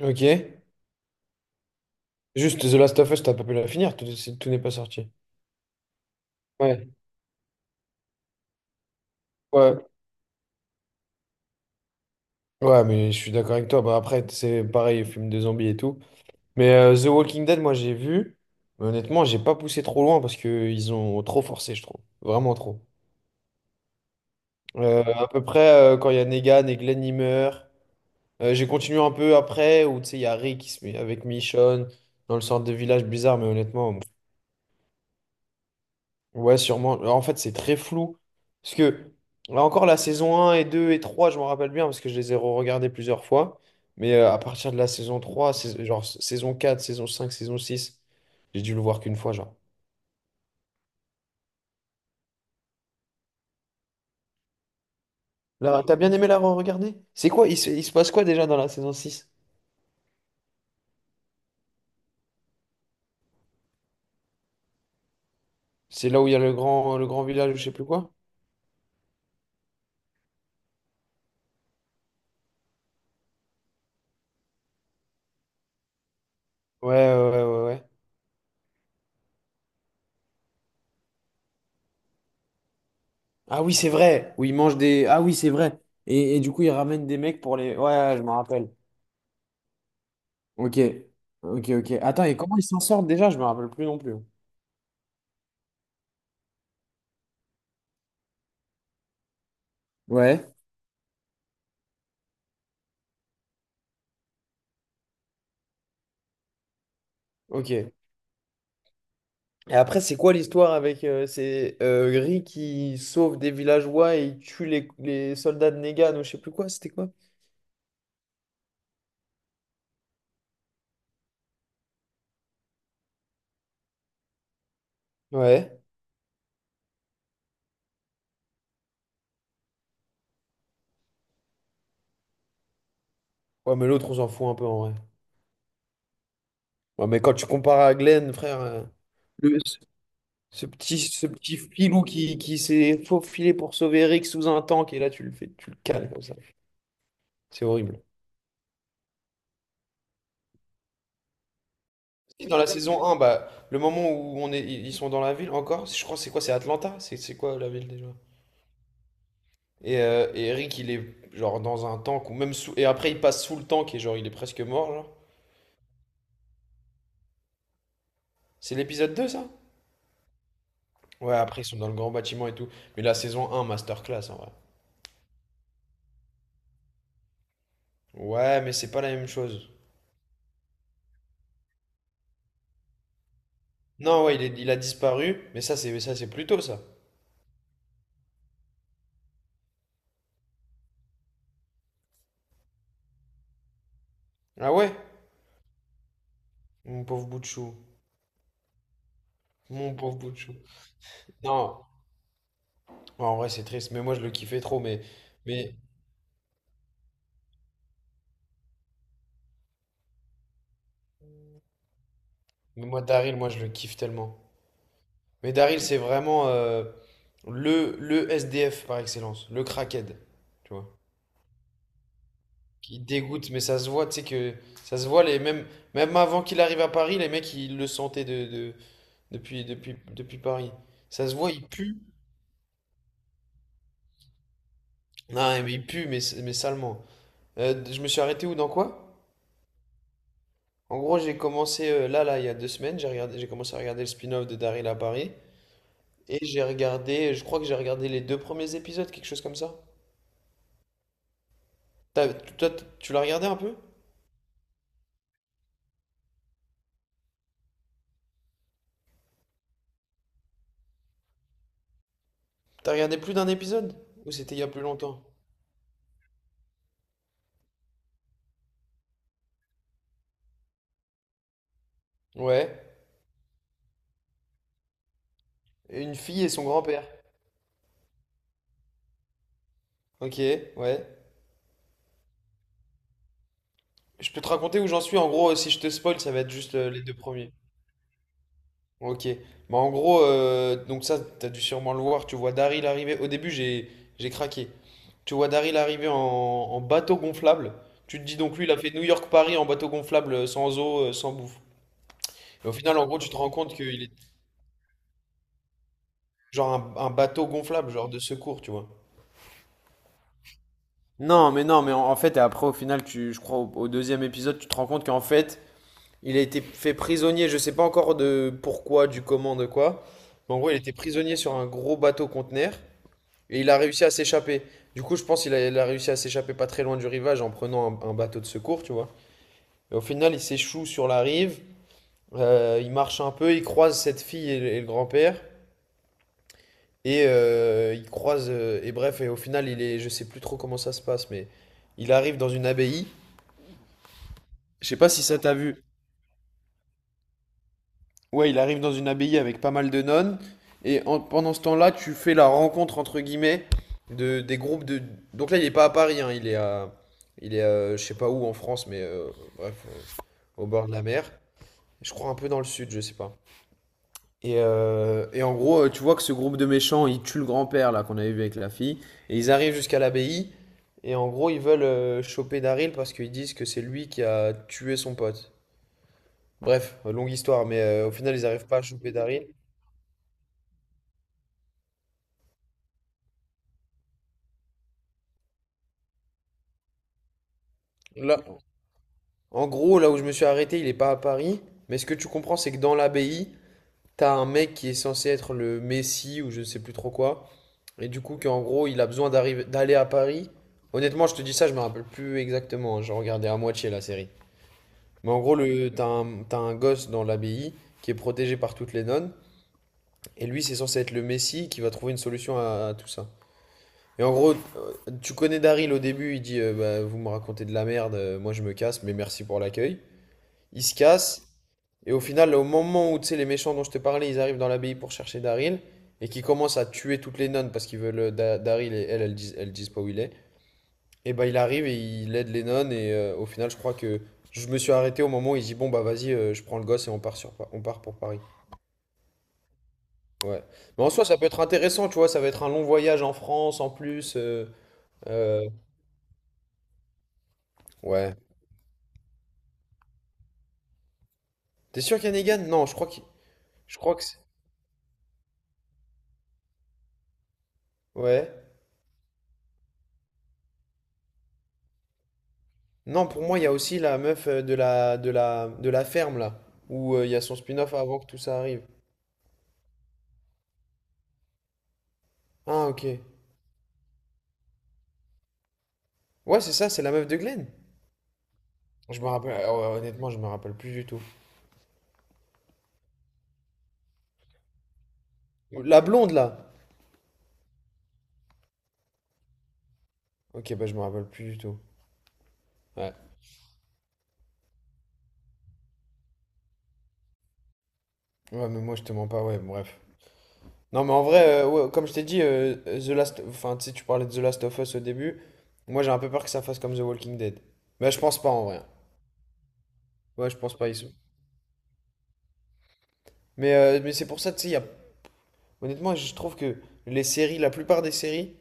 Ok. Juste, The Last of Us, t'as pas pu la finir, tout, tout n'est pas sorti. Ouais. Ouais. Ouais, mais je suis d'accord avec toi. Bah, après, c'est pareil, film de zombies et tout. Mais The Walking Dead, moi, j'ai vu. Mais honnêtement, j'ai pas poussé trop loin parce que ils ont trop forcé, je trouve. Vraiment trop. À peu près, quand il y a Negan et Glenn, ils meurent. J'ai continué un peu après, où tu sais, il y a Rick qui se met avec Michonne dans le centre de village bizarre, mais honnêtement. Ouais, sûrement. Alors, en fait, c'est très flou. Parce que, là encore, la saison un et 2 et 3 je m'en rappelle bien parce que je les ai re-regardés plusieurs fois. Mais à partir de la saison 3 genre saison 4 saison 5 saison 6 j'ai dû le voir qu'une fois, genre. Là, t'as bien aimé la re-regarder? C'est quoi? Il se passe quoi déjà dans la saison six? C'est là où il y a le grand village ou je sais plus quoi? Ouais, ouais, ouais, ouais, ouais. Ah oui, c'est vrai. Où ils mangent des. Ah oui, c'est vrai. Et du coup, ils ramènent des mecs pour les. Ouais, ouais, je m'en rappelle. Ok, ok, ok. Attends, et comment ils s'en sortent déjà? Je me rappelle plus non plus. Ouais. Ok. Et après, c'est quoi l'histoire avec ces gris qui sauvent des villageois et ils tuent les soldats de Negan ou je sais plus quoi, c'était quoi? Ouais. Ouais, mais l'autre, on s'en fout un peu en vrai. Ouais, mais quand tu compares à Glenn, frère, le- ce ce petit filou qui s'est faufilé pour sauver Rick sous un tank et là, tu le fais, tu le cales comme ça. C'est horrible. Si, dans la saison un, bah, le moment où on est, ils sont dans la ville encore, je crois que c'est quoi, c'est Atlanta? C'est quoi la ville déjà? Et Eric, il est genre dans un tank, ou même sous, et après il passe sous le tank et genre il est presque mort, genre. C'est l'épisode 2 ça? Ouais, après ils sont dans le grand bâtiment et tout. Mais la saison 1, masterclass en vrai. Ouais, mais c'est pas la même chose. Non, ouais, il a disparu, mais ça c'est plus tôt ça. Ah ouais? Mon pauvre bout de chou. Mon pauvre bout de chou. Non, en vrai c'est triste, mais moi je le kiffais trop, mais, mais moi Daryl, moi je le kiffe tellement. Mais Daryl, c'est vraiment le SDF par excellence, le crackhead, tu vois. Qui dégoûte, mais ça se voit, tu sais que ça se voit, même avant qu'il arrive à Paris, les mecs, ils le sentaient depuis Paris. Ça se voit, il pue. Non, mais il pue, mais salement. Je me suis arrêté où, dans quoi? En gros, j'ai commencé il y a 2 semaines, j'ai regardé, j'ai commencé à regarder le spin-off de Daryl à Paris. Et j'ai regardé, je crois que j'ai regardé les deux premiers épisodes, quelque chose comme ça. Toi, tu l'as regardé un peu? T'as regardé plus d'un épisode? Ou c'était il y a plus longtemps? Ouais. Et une fille et son grand-père. Ok, ouais. Je peux te raconter où j'en suis. En gros, si je te spoil, ça va être juste les deux premiers. Ok. Bah en gros, donc ça, t'as dû sûrement le voir. Tu vois Daryl arriver. Au début, j'ai craqué. Tu vois Daryl arriver en bateau gonflable. Tu te dis donc lui, il a fait New York-Paris en bateau gonflable, sans eau, sans bouffe. Et au final, en gros, tu te rends compte qu'il est genre un bateau gonflable, genre de secours, tu vois. Non, mais non, mais en fait, et après, au final, tu, je crois, au deuxième épisode, tu te rends compte qu'en fait, il a été fait prisonnier, je sais pas encore de pourquoi, du comment, de quoi. Mais en gros, il était prisonnier sur un gros bateau conteneur et il a réussi à s'échapper. Du coup, je pense qu'il a réussi à s'échapper pas très loin du rivage en prenant un bateau de secours, tu vois. Et au final, il s'échoue sur la rive, il marche un peu, il croise cette fille et le grand-père. Il croise, et bref, et au final, il est, je sais plus trop comment ça se passe, mais il arrive dans une abbaye. Je sais pas si ça t'a vu. Ouais, il arrive dans une abbaye avec pas mal de nonnes. Pendant ce temps-là, tu fais la rencontre, entre guillemets, des groupes de... Donc là, il est pas à Paris, hein, il est à... Il est à, je sais pas où en France, mais bref, au bord de la mer. Je crois un peu dans le sud, je sais pas. Et en gros, tu vois que ce groupe de méchants, ils tuent le grand-père, là, qu'on avait vu avec la fille. Et ils arrivent jusqu'à l'abbaye. Et en gros, ils veulent choper Daryl parce qu'ils disent que c'est lui qui a tué son pote. Bref, longue histoire, mais au final, ils n'arrivent pas à choper Daryl. Là, en gros, là où je me suis arrêté, il n'est pas à Paris. Mais ce que tu comprends, c'est que dans l'abbaye, t'as un mec qui est censé être le messie ou je ne sais plus trop quoi. Et du coup, qu'en gros, il a besoin d'arriver, d'aller à Paris. Honnêtement, je te dis ça, je me rappelle plus exactement, hein. J'ai regardé à moitié la série. Mais en gros, t'as un gosse dans l'abbaye qui est protégé par toutes les nonnes. Et lui, c'est censé être le messie qui va trouver une solution à tout ça. Et en gros, tu connais Daryl au début, il dit bah, vous me racontez de la merde, moi je me casse, mais merci pour l'accueil. Il se casse, et au final, au moment où tu sais, les méchants dont je te parlais, ils arrivent dans l'abbaye pour chercher Daryl, et qui commencent à tuer toutes les nonnes parce qu'ils veulent Daryl et elles, elles disent pas où il est. Et bah il arrive et il aide les nonnes, au final, je crois que je me suis arrêté au moment où il dit bon bah vas-y, je prends le gosse et on part, on part pour Paris. Ouais. Mais en soi, ça peut être intéressant, tu vois, ça va être un long voyage en France en plus. Euh, ouais. T'es sûr qu'il y a Negan? Non, je crois que ouais. Non, pour moi, il y a aussi la meuf de la ferme là, où il y a son spin-off avant que tout ça arrive. Ah, OK. Ouais, c'est ça, c'est la meuf de Glenn. Je me rappelle ouais, honnêtement, je me rappelle plus du tout. La blonde là. OK, bah je me rappelle plus du tout. Ouais. Ouais, mais moi je te mens pas, ouais, bref. Non, mais en vrai, ouais, comme je t'ai dit The Last enfin, tu sais, tu parlais de The Last of Us au début. Moi, j'ai un peu peur que ça fasse comme The Walking Dead. Mais je pense pas en vrai. Ouais, je pense pas, mais c'est pour ça, tu sais, il y a Honnêtement, je trouve que les séries, la plupart des séries,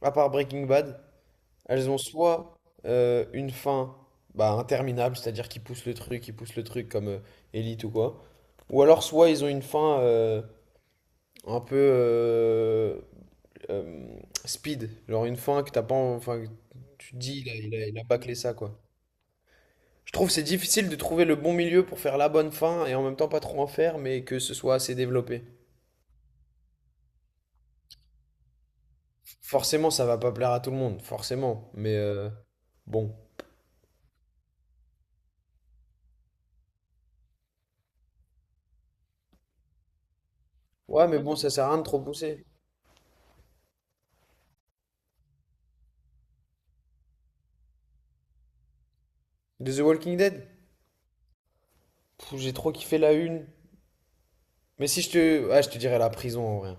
à part Breaking Bad, elles ont soit une fin bah, interminable, c'est-à-dire qu'ils poussent le truc, ils poussent le truc comme Elite ou quoi, ou alors soit ils ont une fin un peu euh, speed, genre une fin que t'as pas, enfin, que tu te dis, il a bâclé ça quoi. Je trouve que c'est difficile de trouver le bon milieu pour faire la bonne fin et en même temps pas trop en faire, mais que ce soit assez développé. Forcément, ça va pas plaire à tout le monde, forcément. Mais bon. Ouais, mais bon, ça sert à rien de trop pousser. De The Walking Dead? Pff, j'ai trop kiffé la une. Mais si je te. Ah, je te dirais la prison en vrai.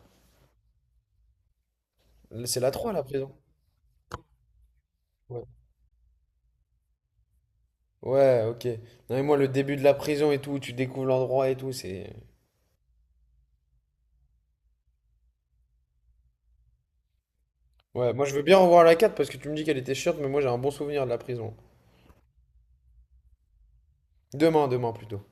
C'est la 3 la prison. Ouais. Ouais, ok. Non, mais moi, le début de la prison et tout, où tu découvres l'endroit et tout, c'est. Ouais, moi je veux bien revoir la 4 parce que tu me dis qu'elle était chiante, mais moi j'ai un bon souvenir de la prison. Demain, demain plutôt.